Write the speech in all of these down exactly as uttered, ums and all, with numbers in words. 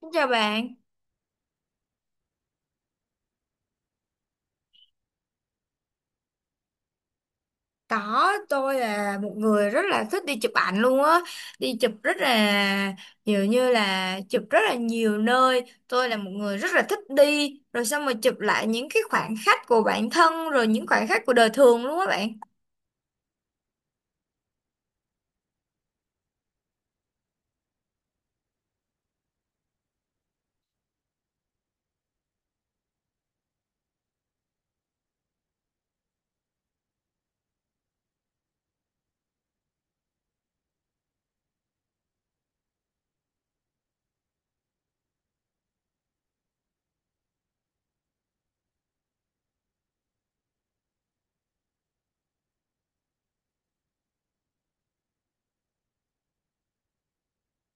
Xin chào bạn, có tôi là một người rất là thích đi chụp ảnh luôn á, đi chụp rất là nhiều, như là chụp rất là nhiều nơi. Tôi là một người rất là thích đi, rồi xong rồi chụp lại những cái khoảnh khắc của bản thân, rồi những khoảnh khắc của đời thường luôn á bạn.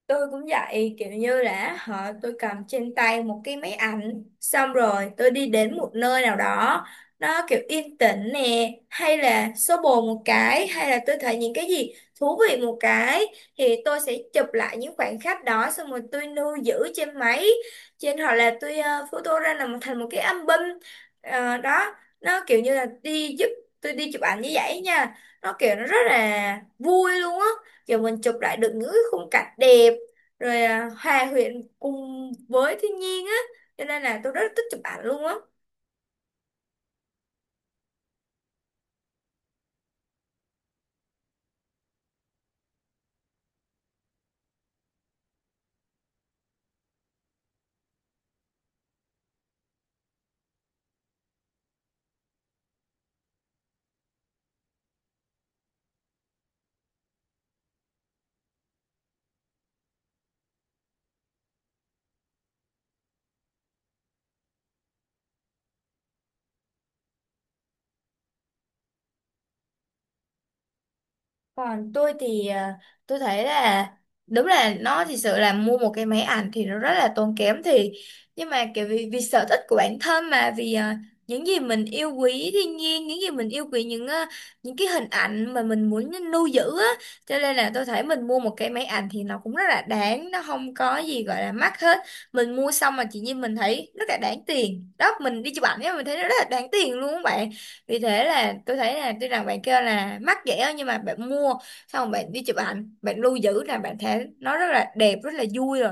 Tôi cũng vậy, kiểu như là họ tôi cầm trên tay một cái máy ảnh, xong rồi tôi đi đến một nơi nào đó, nó kiểu yên tĩnh nè, hay là xô bồ một cái, hay là tôi thấy những cái gì thú vị một cái, thì tôi sẽ chụp lại những khoảnh khắc đó, xong rồi tôi lưu giữ trên máy, trên hoặc là tôi ờ, photo ra làm thành một cái album. Ờ, đó, nó kiểu như là đi giúp tôi đi chụp ảnh như vậy nha, nó kiểu nó rất là vui luôn á, kiểu mình chụp lại được những cái khung cảnh đẹp rồi à, hòa quyện cùng với thiên nhiên á, cho nên là tôi rất thích chụp ảnh luôn á. Còn tôi thì à, tôi thấy là đúng là nó thì sự là mua một cái máy ảnh thì nó rất là tốn kém, thì nhưng mà kiểu vì, vì sở thích của bản thân, mà vì à, những gì mình yêu quý thiên nhiên, những gì mình yêu quý những à, những cái hình ảnh mà mình muốn lưu giữ á, cho nên là tôi thấy mình mua một cái máy ảnh thì nó cũng rất là đáng, nó không có gì gọi là mắc hết. Mình mua xong mà chỉ như mình thấy rất là đáng tiền đó, mình đi chụp ảnh ấy, mình thấy nó rất là đáng tiền luôn các bạn. Vì thế là tôi thấy là tuy rằng bạn kêu là mắc vậy á, nhưng mà bạn mua xong rồi bạn đi chụp ảnh, bạn lưu giữ là bạn thấy nó rất là đẹp, rất là vui rồi.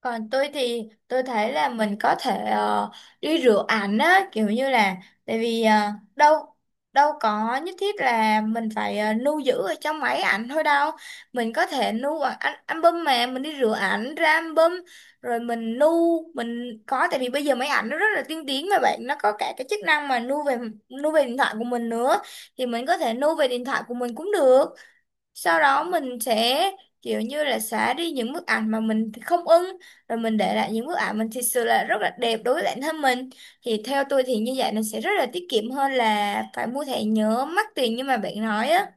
Còn tôi thì tôi thấy là mình có thể ờ, đi rửa ảnh á, kiểu như là tại vì ờ, đâu đâu có nhất thiết là mình phải ờ, lưu giữ ở trong máy ảnh thôi đâu, mình có thể lưu ở al- album, mà mình đi rửa ảnh ra album rồi mình lưu, mình có tại vì bây giờ máy ảnh nó rất là tiên tiến mà bạn, nó có cả cái chức năng mà lưu về lưu về điện thoại của mình nữa, thì mình có thể lưu về điện thoại của mình cũng được. Sau đó mình sẽ kiểu như là xóa đi những bức ảnh mà mình không ưng, rồi mình để lại những bức ảnh mình thật sự là rất là đẹp đối với bản thân mình. Thì theo tôi thì như vậy nó sẽ rất là tiết kiệm hơn là phải mua thẻ nhớ mắc tiền như mà bạn nói á.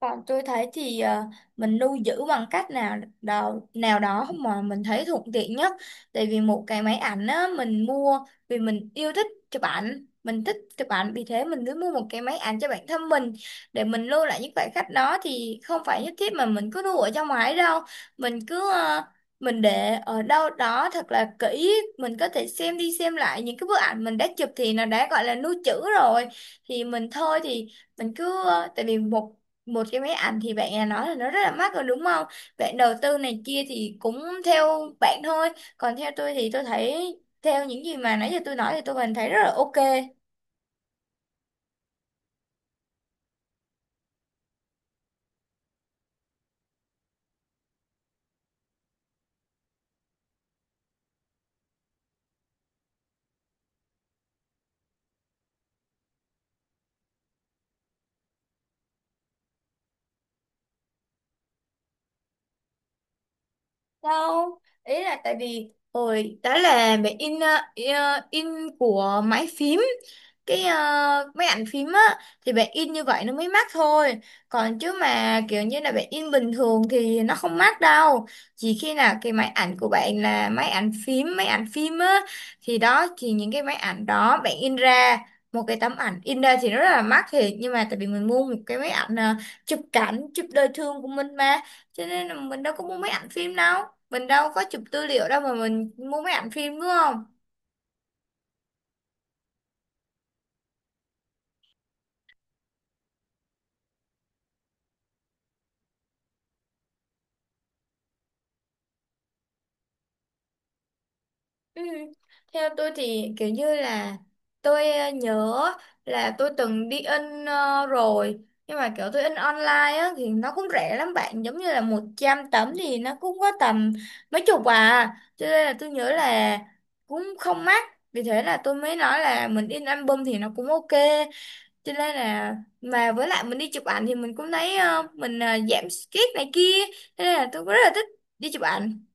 Còn tôi thấy thì ờ, mình lưu giữ bằng cách nào đó, nào đó mà mình thấy thuận tiện nhất. Tại vì một cái máy ảnh á, mình mua vì mình yêu thích chụp ảnh, mình thích chụp ảnh, vì thế mình cứ mua một cái máy ảnh cho bản thân mình, để mình lưu lại những khoảnh khắc đó, thì không phải nhất thiết mà mình cứ lưu ở trong máy đâu. Mình cứ ờ, mình để ở đâu đó thật là kỹ, mình có thể xem đi xem lại những cái bức ảnh mình đã chụp thì nó đã gọi là lưu trữ rồi. Thì mình thôi thì mình cứ ờ, tại vì một một cái máy ảnh thì bạn đã nói là nó rất là mắc rồi, đúng không, bạn đầu tư này kia thì cũng theo bạn thôi, còn theo tôi thì tôi thấy theo những gì mà nãy giờ tôi nói thì tôi vẫn thấy rất là ok. Đâu, ý là tại vì hồi đó là mẹ in ờ, ờ, in của máy phím, cái ờ, máy ảnh phím á, thì bạn in như vậy nó mới mắc thôi, còn chứ mà kiểu như là bạn in bình thường thì nó không mắc đâu. Chỉ khi nào cái máy ảnh của bạn là máy ảnh phím máy ảnh phim á, thì đó, thì những cái máy ảnh đó bạn in ra một cái tấm ảnh in ra thì nó rất là mắc thiệt, nhưng mà tại vì mình mua một cái máy ảnh ờ, chụp cảnh chụp đời thường của mình mà, cho nên là mình đâu có mua máy ảnh phim đâu, mình đâu có chụp tư liệu đâu mà mình mua máy ảnh phim đúng không? Ừ. Theo tôi thì kiểu như là tôi ờ, nhớ là tôi từng đi in ờ, rồi, nhưng mà kiểu tôi in online á thì nó cũng rẻ lắm bạn, giống như là một trăm tấm thì nó cũng có tầm mấy chục à, cho nên là tôi nhớ là cũng không mắc. Vì thế là tôi mới nói là mình in album thì nó cũng ok, cho nên là mà với lại mình đi chụp ảnh thì mình cũng thấy ờ, mình ờ, giảm stress này kia, thế nên là tôi cũng rất là thích đi chụp ảnh.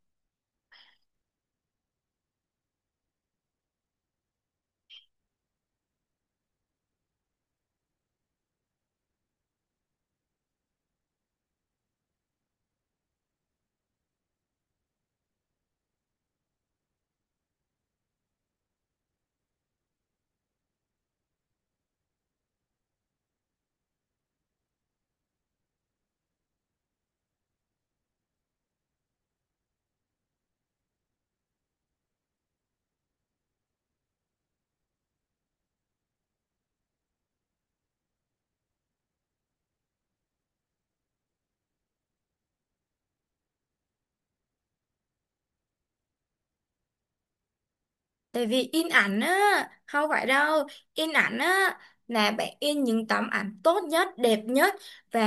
Tại vì in ảnh á, không phải đâu, in ảnh á là bạn in những tấm ảnh tốt nhất, đẹp nhất và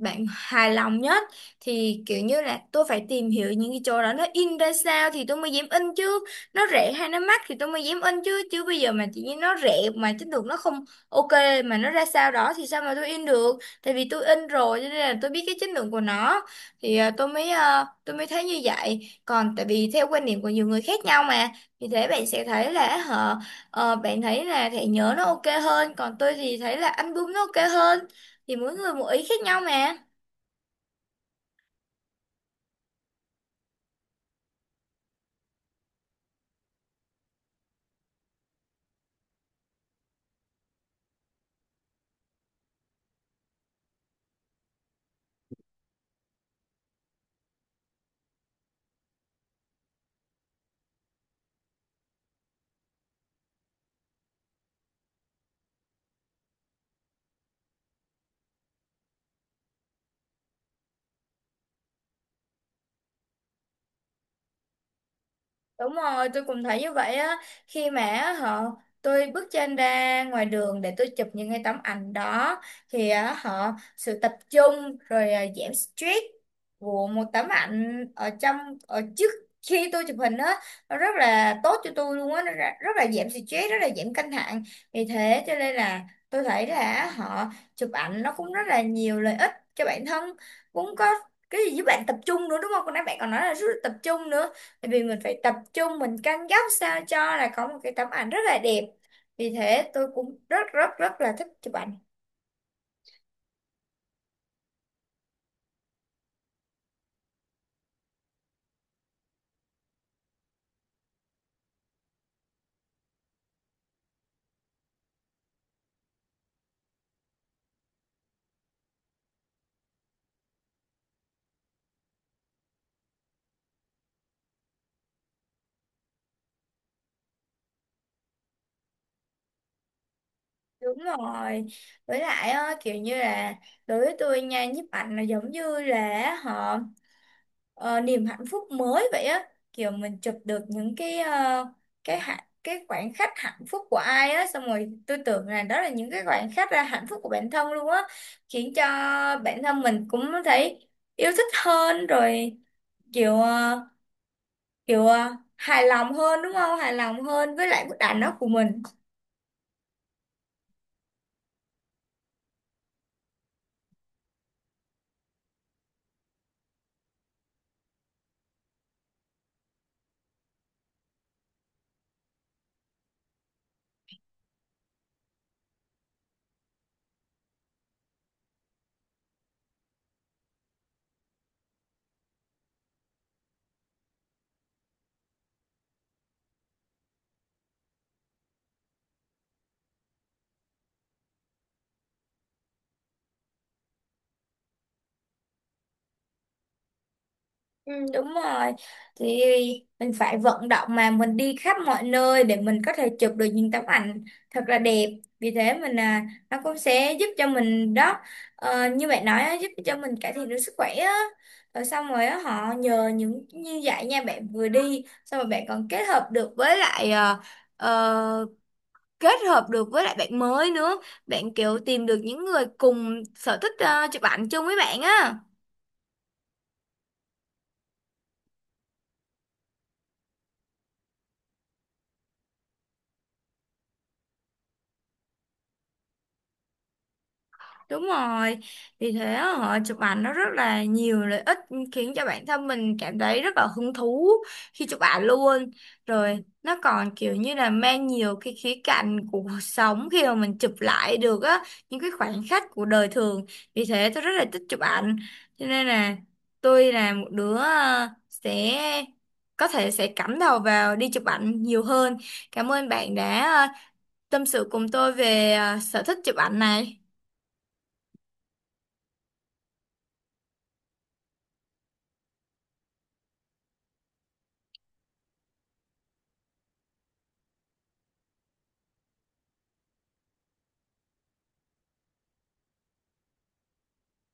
bạn hài lòng nhất. Thì kiểu như là tôi phải tìm hiểu những cái chỗ đó nó in ra sao thì tôi mới dám in chứ, nó rẻ hay nó mắc thì tôi mới dám in chứ. Chứ bây giờ mà chỉ như nó rẻ mà chất lượng nó không ok, mà nó ra sao đó thì sao mà tôi in được. Tại vì tôi in rồi cho nên là tôi biết cái chất lượng của nó, thì à, tôi mới à, tôi mới thấy như vậy. Còn tại vì theo quan điểm của nhiều người khác nhau mà, vì thế bạn sẽ thấy là họ ờ, bạn thấy là thẻ nhớ nó ok hơn, còn tôi thì thấy là album nó ok hơn, thì mỗi người một ý khác nhau mà. Đúng rồi, tôi cũng thấy như vậy á. Khi mà á, họ tôi bước chân ra ngoài đường để tôi chụp những cái tấm ảnh đó, thì á, họ sự tập trung rồi à, giảm stress của một tấm ảnh ở trong, ở trước khi tôi chụp hình á, nó rất là tốt cho tôi luôn á, nó ra- rất là giảm stress, rất là giảm căng thẳng. Vì thế cho nên là tôi thấy là họ chụp ảnh nó cũng rất là nhiều lợi ích cho bản thân, cũng có cái gì giúp bạn tập trung nữa đúng không? Còn nãy bạn còn nói là rất là tập trung nữa. Tại vì mình phải tập trung, mình căng góc sao cho là có một cái tấm ảnh rất là đẹp, vì thế tôi cũng rất rất rất là thích chụp ảnh. Đúng rồi, với lại ờ, kiểu như là đối với tôi nha, nhiếp ảnh là giống như là họ ờ, niềm hạnh phúc mới vậy á, kiểu mình chụp được những cái ờ, cái hạnh cái khoảnh khắc hạnh phúc của ai á, xong rồi tôi tưởng là đó là những cái khoảnh khắc là hạnh phúc của bản thân luôn á, khiến cho bản thân mình cũng thấy yêu thích hơn rồi, kiểu ờ, kiểu à, hài lòng hơn, đúng không, hài lòng hơn với lại bức ảnh đó của mình. Ừ, đúng rồi, thì mình phải vận động mà mình đi khắp mọi nơi để mình có thể chụp được những tấm ảnh thật là đẹp, vì thế mình à nó cũng sẽ giúp cho mình đó, ờ, như bạn nói á, giúp cho mình cải thiện được sức khỏe á, rồi xong rồi á, họ nhờ những như vậy nha, bạn vừa đi xong rồi bạn còn kết hợp được với lại uh, kết hợp được với lại bạn mới nữa, bạn kiểu tìm được những người cùng sở thích ờ, chụp ảnh chung với bạn á. Đúng rồi, vì thế họ chụp ảnh nó rất là nhiều lợi ích, khiến cho bản thân mình cảm thấy rất là hứng thú khi chụp ảnh luôn. Rồi nó còn kiểu như là mang nhiều cái khía cạnh của cuộc sống khi mà mình chụp lại được á, những cái khoảnh khắc của đời thường. Vì thế tôi rất là thích chụp ảnh. Cho nên là tôi là một đứa ờ, sẽ có thể sẽ cắm đầu vào đi chụp ảnh nhiều hơn. Cảm ơn bạn đã ờ, tâm sự cùng tôi về ờ, sở thích chụp ảnh này.